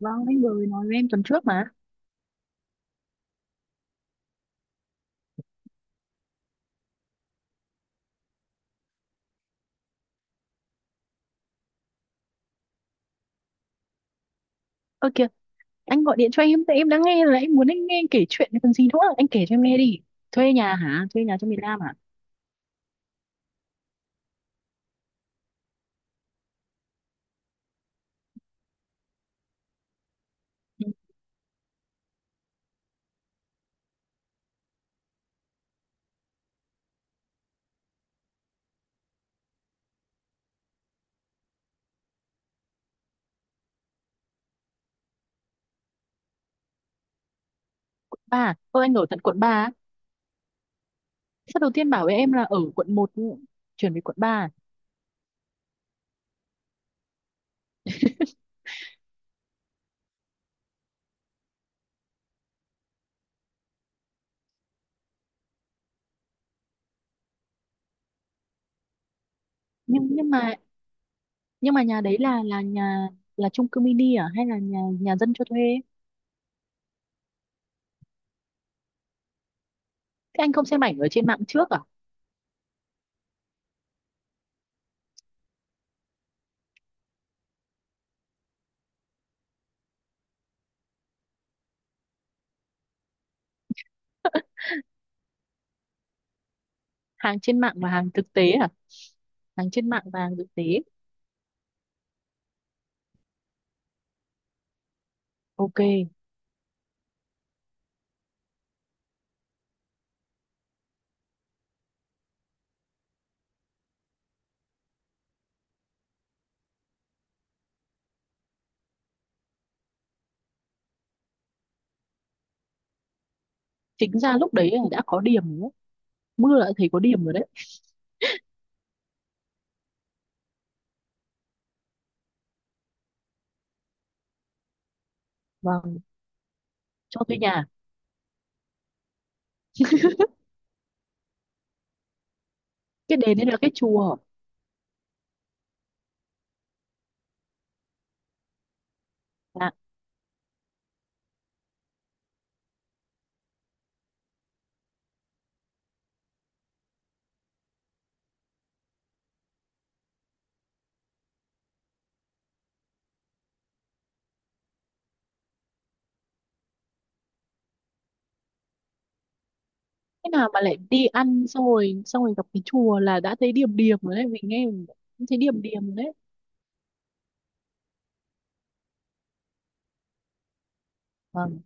Vâng, anh vừa mới nói với em tuần trước mà. Ơ kìa, anh gọi điện cho em, tại em đang nghe là em muốn anh nghe kể chuyện còn gì nữa. Anh kể cho em nghe đi. Thuê nhà hả? Thuê nhà trong miền Nam hả? Ừ, quận ba. Ơ anh ở tận quận 3 á. Sao đầu tiên bảo với em là ở quận một, chuyển về quận 3 à? Nhưng nhưng mà nhưng mà nhà đấy là nhà, là chung cư mini à hay là nhà nhà dân cho thuê? Thế anh không xem ảnh ở trên mạng trước à? Hàng trên mạng và hàng thực tế à? Hàng trên mạng và hàng thực tế. Ok, chính ra lúc đấy là đã có điểm rồi đấy. Mưa đã thấy có điểm rồi đấy. Vâng, cho thuê nhà. Cái đền đấy là cái chùa à? Thế nào mà lại đi ăn xong rồi gặp cái chùa là đã thấy điềm điềm rồi đấy, mình nghe mình cũng thấy điềm điềm rồi đấy. Vâng,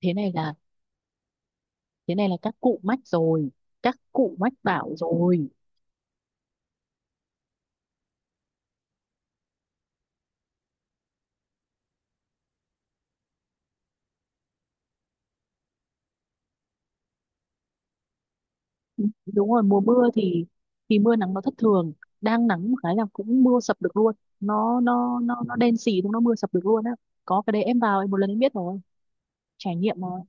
thế này là thế này là các cụ mách rồi, các cụ mách bảo rồi. Đúng rồi, mùa mưa thì mưa nắng nó thất thường, đang nắng một cái là cũng mưa sập được luôn, nó đen xì đúng, nó mưa sập được luôn á. Có cái đấy em vào em một lần em biết rồi, trải nghiệm rồi.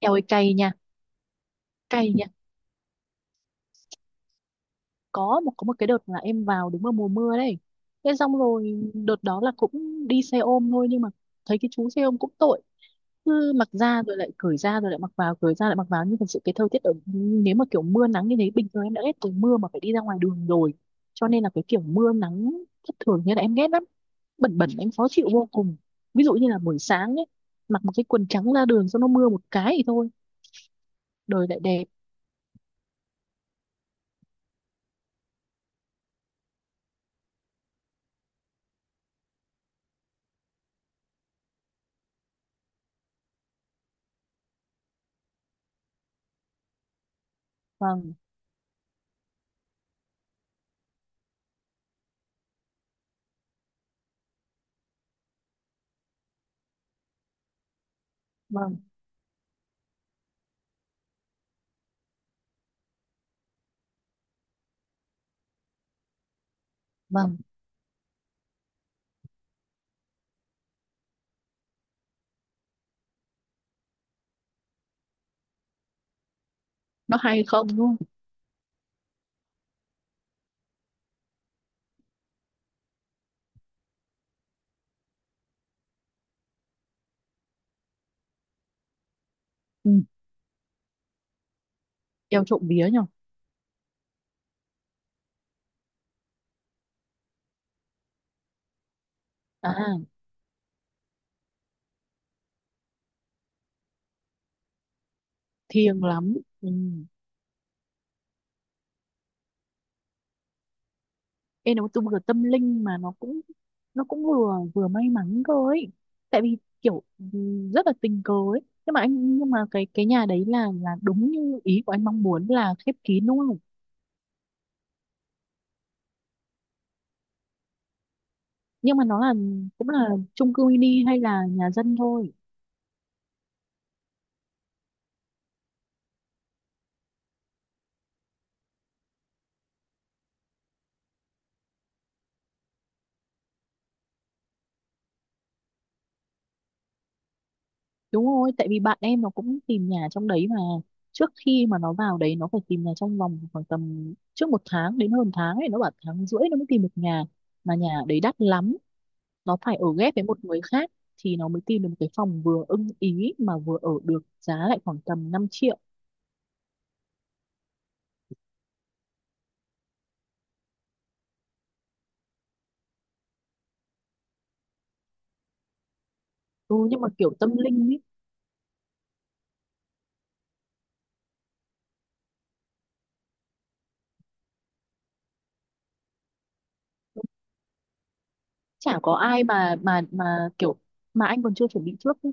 Eo ơi cay nha, cay nha. Có một có một cái đợt là em vào đúng vào mùa mưa đấy, thế xong rồi đợt đó là cũng đi xe ôm thôi, nhưng mà thấy cái chú xe ôm cũng tội, cứ mặc ra rồi lại cởi ra rồi lại mặc vào cởi ra lại mặc vào. Nhưng thật sự cái thời tiết ở, nếu mà kiểu mưa nắng như thế, bình thường em đã ghét từ mưa mà phải đi ra ngoài đường rồi, cho nên là cái kiểu mưa nắng thất thường như là em ghét lắm, bẩn bẩn em khó chịu vô cùng. Ví dụ như là buổi sáng ấy, mặc một cái quần trắng ra đường xong nó mưa một cái thì thôi, đời lại đẹp. Vâng. Vâng. Vâng, nó hay không đúng không. Ừ. Eo trộm vía nhở? À, thiêng lắm. Ừ. Ê, nó tu vừa tâm linh mà nó cũng vừa vừa may mắn cơ ấy. Tại vì kiểu ừ, rất là tình cờ ấy. Nhưng mà anh, nhưng mà cái nhà đấy là đúng như ý của anh mong muốn là khép kín đúng không? Nhưng mà nó là cũng là chung cư mini hay là nhà dân thôi. Đúng rồi, tại vì bạn em nó cũng tìm nhà trong đấy mà, trước khi mà nó vào đấy nó phải tìm nhà trong vòng khoảng tầm trước một tháng đến hơn tháng ấy, nó bảo tháng rưỡi nó mới tìm được nhà, mà nhà đấy đắt lắm, nó phải ở ghép với một người khác, thì nó mới tìm được một cái phòng vừa ưng ý mà vừa ở được, giá lại khoảng tầm 5 triệu. Ừ, nhưng mà kiểu tâm linh ý, chả có ai mà kiểu, mà anh còn chưa chuẩn bị trước ý.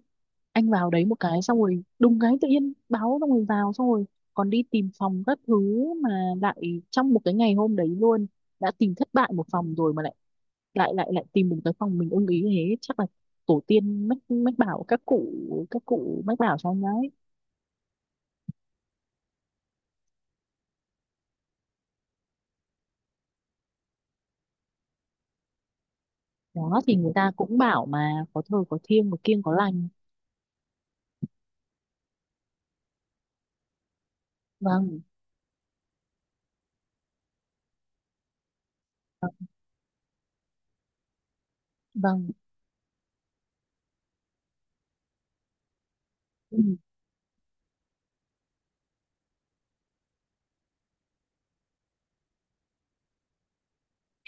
Anh vào đấy một cái xong rồi đùng cái tự nhiên báo xong rồi vào xong rồi còn đi tìm phòng các thứ, mà lại trong một cái ngày hôm đấy luôn, đã tìm thất bại một phòng rồi mà lại lại lại lại tìm được cái phòng mình ưng ý, thế chắc là tổ tiên mách, mách bảo các cụ, các cụ mách bảo cho anh đấy. Đó thì người ta cũng bảo mà, có thờ có thiêng có kiêng có lành. Vâng. Vâng. Vâng. Ừ.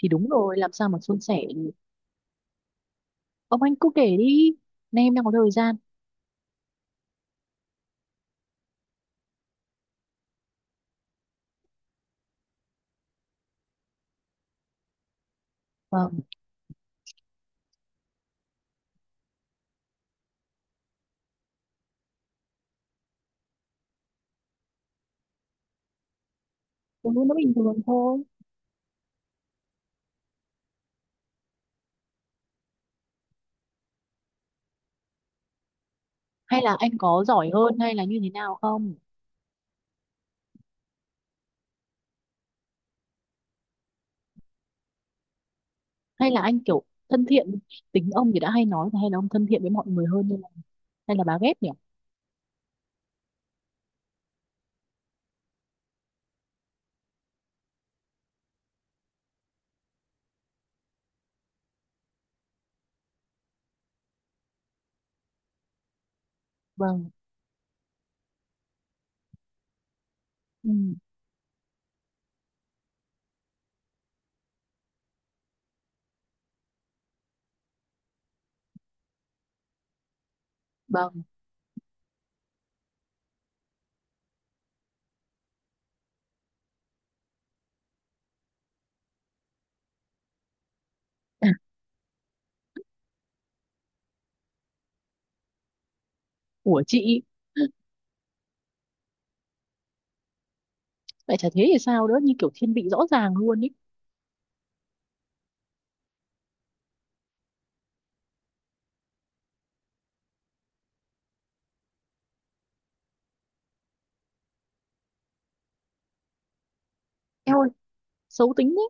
Thì đúng rồi, làm sao mà suôn sẻ được. Ông anh cứ kể đi, nay em đang có thời gian. Vâng. Ừ, nó bình thường thôi. Hay là anh có giỏi hơn hay là như thế nào không? Hay là anh kiểu thân thiện, tính ông thì đã hay nói, hay là ông thân thiện với mọi người hơn, hay là bà ghét nhỉ. Vâng. Ừ. Vâng. Ủa chị, vậy chả thế thì sao nữa, như kiểu thiên vị rõ ràng luôn ý. Em ơi xấu tính thế.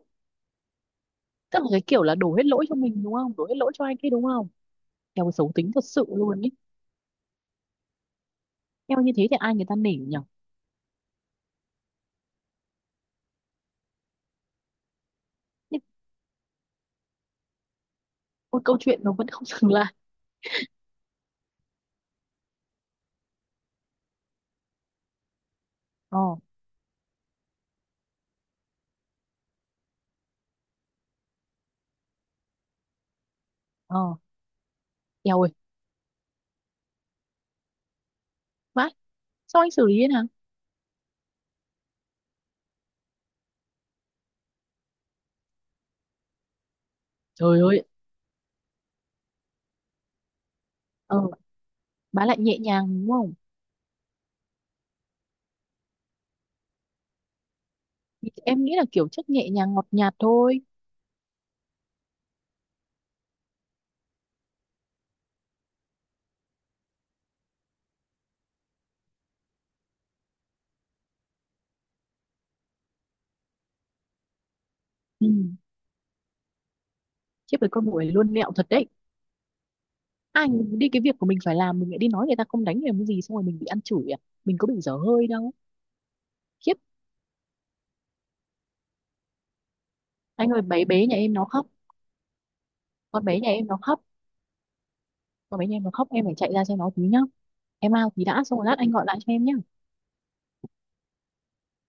Tức là cái kiểu là đổ hết lỗi cho mình đúng không? Đổ hết lỗi cho anh kia đúng không? Theo cái xấu tính thật sự luôn ý. Theo như thế thì ai người ta nể nhỉ? Nhưng một câu chuyện nó vẫn không dừng lại. Ờ. Ờ. Eo ơi. Má, sao anh xử lý thế nào? Trời ơi. Ờ, bà lại nhẹ nhàng đúng không? Thì em nghĩ là kiểu chất nhẹ nhàng ngọt nhạt thôi. Ừ, chứ với con người luôn mẹo thật đấy. Anh đi cái việc của mình phải làm, mình lại đi nói người ta không đánh, mình làm cái gì, xong rồi mình bị ăn chửi à? Mình có bị dở hơi đâu. Khiếp, anh ơi, bé bé nhà em nó khóc. Con bé nhà em nó khóc. Còn mấy em mà khóc em phải chạy ra xem nó tí nhá. Em ao tí đã, xong rồi lát anh gọi lại cho em nhá.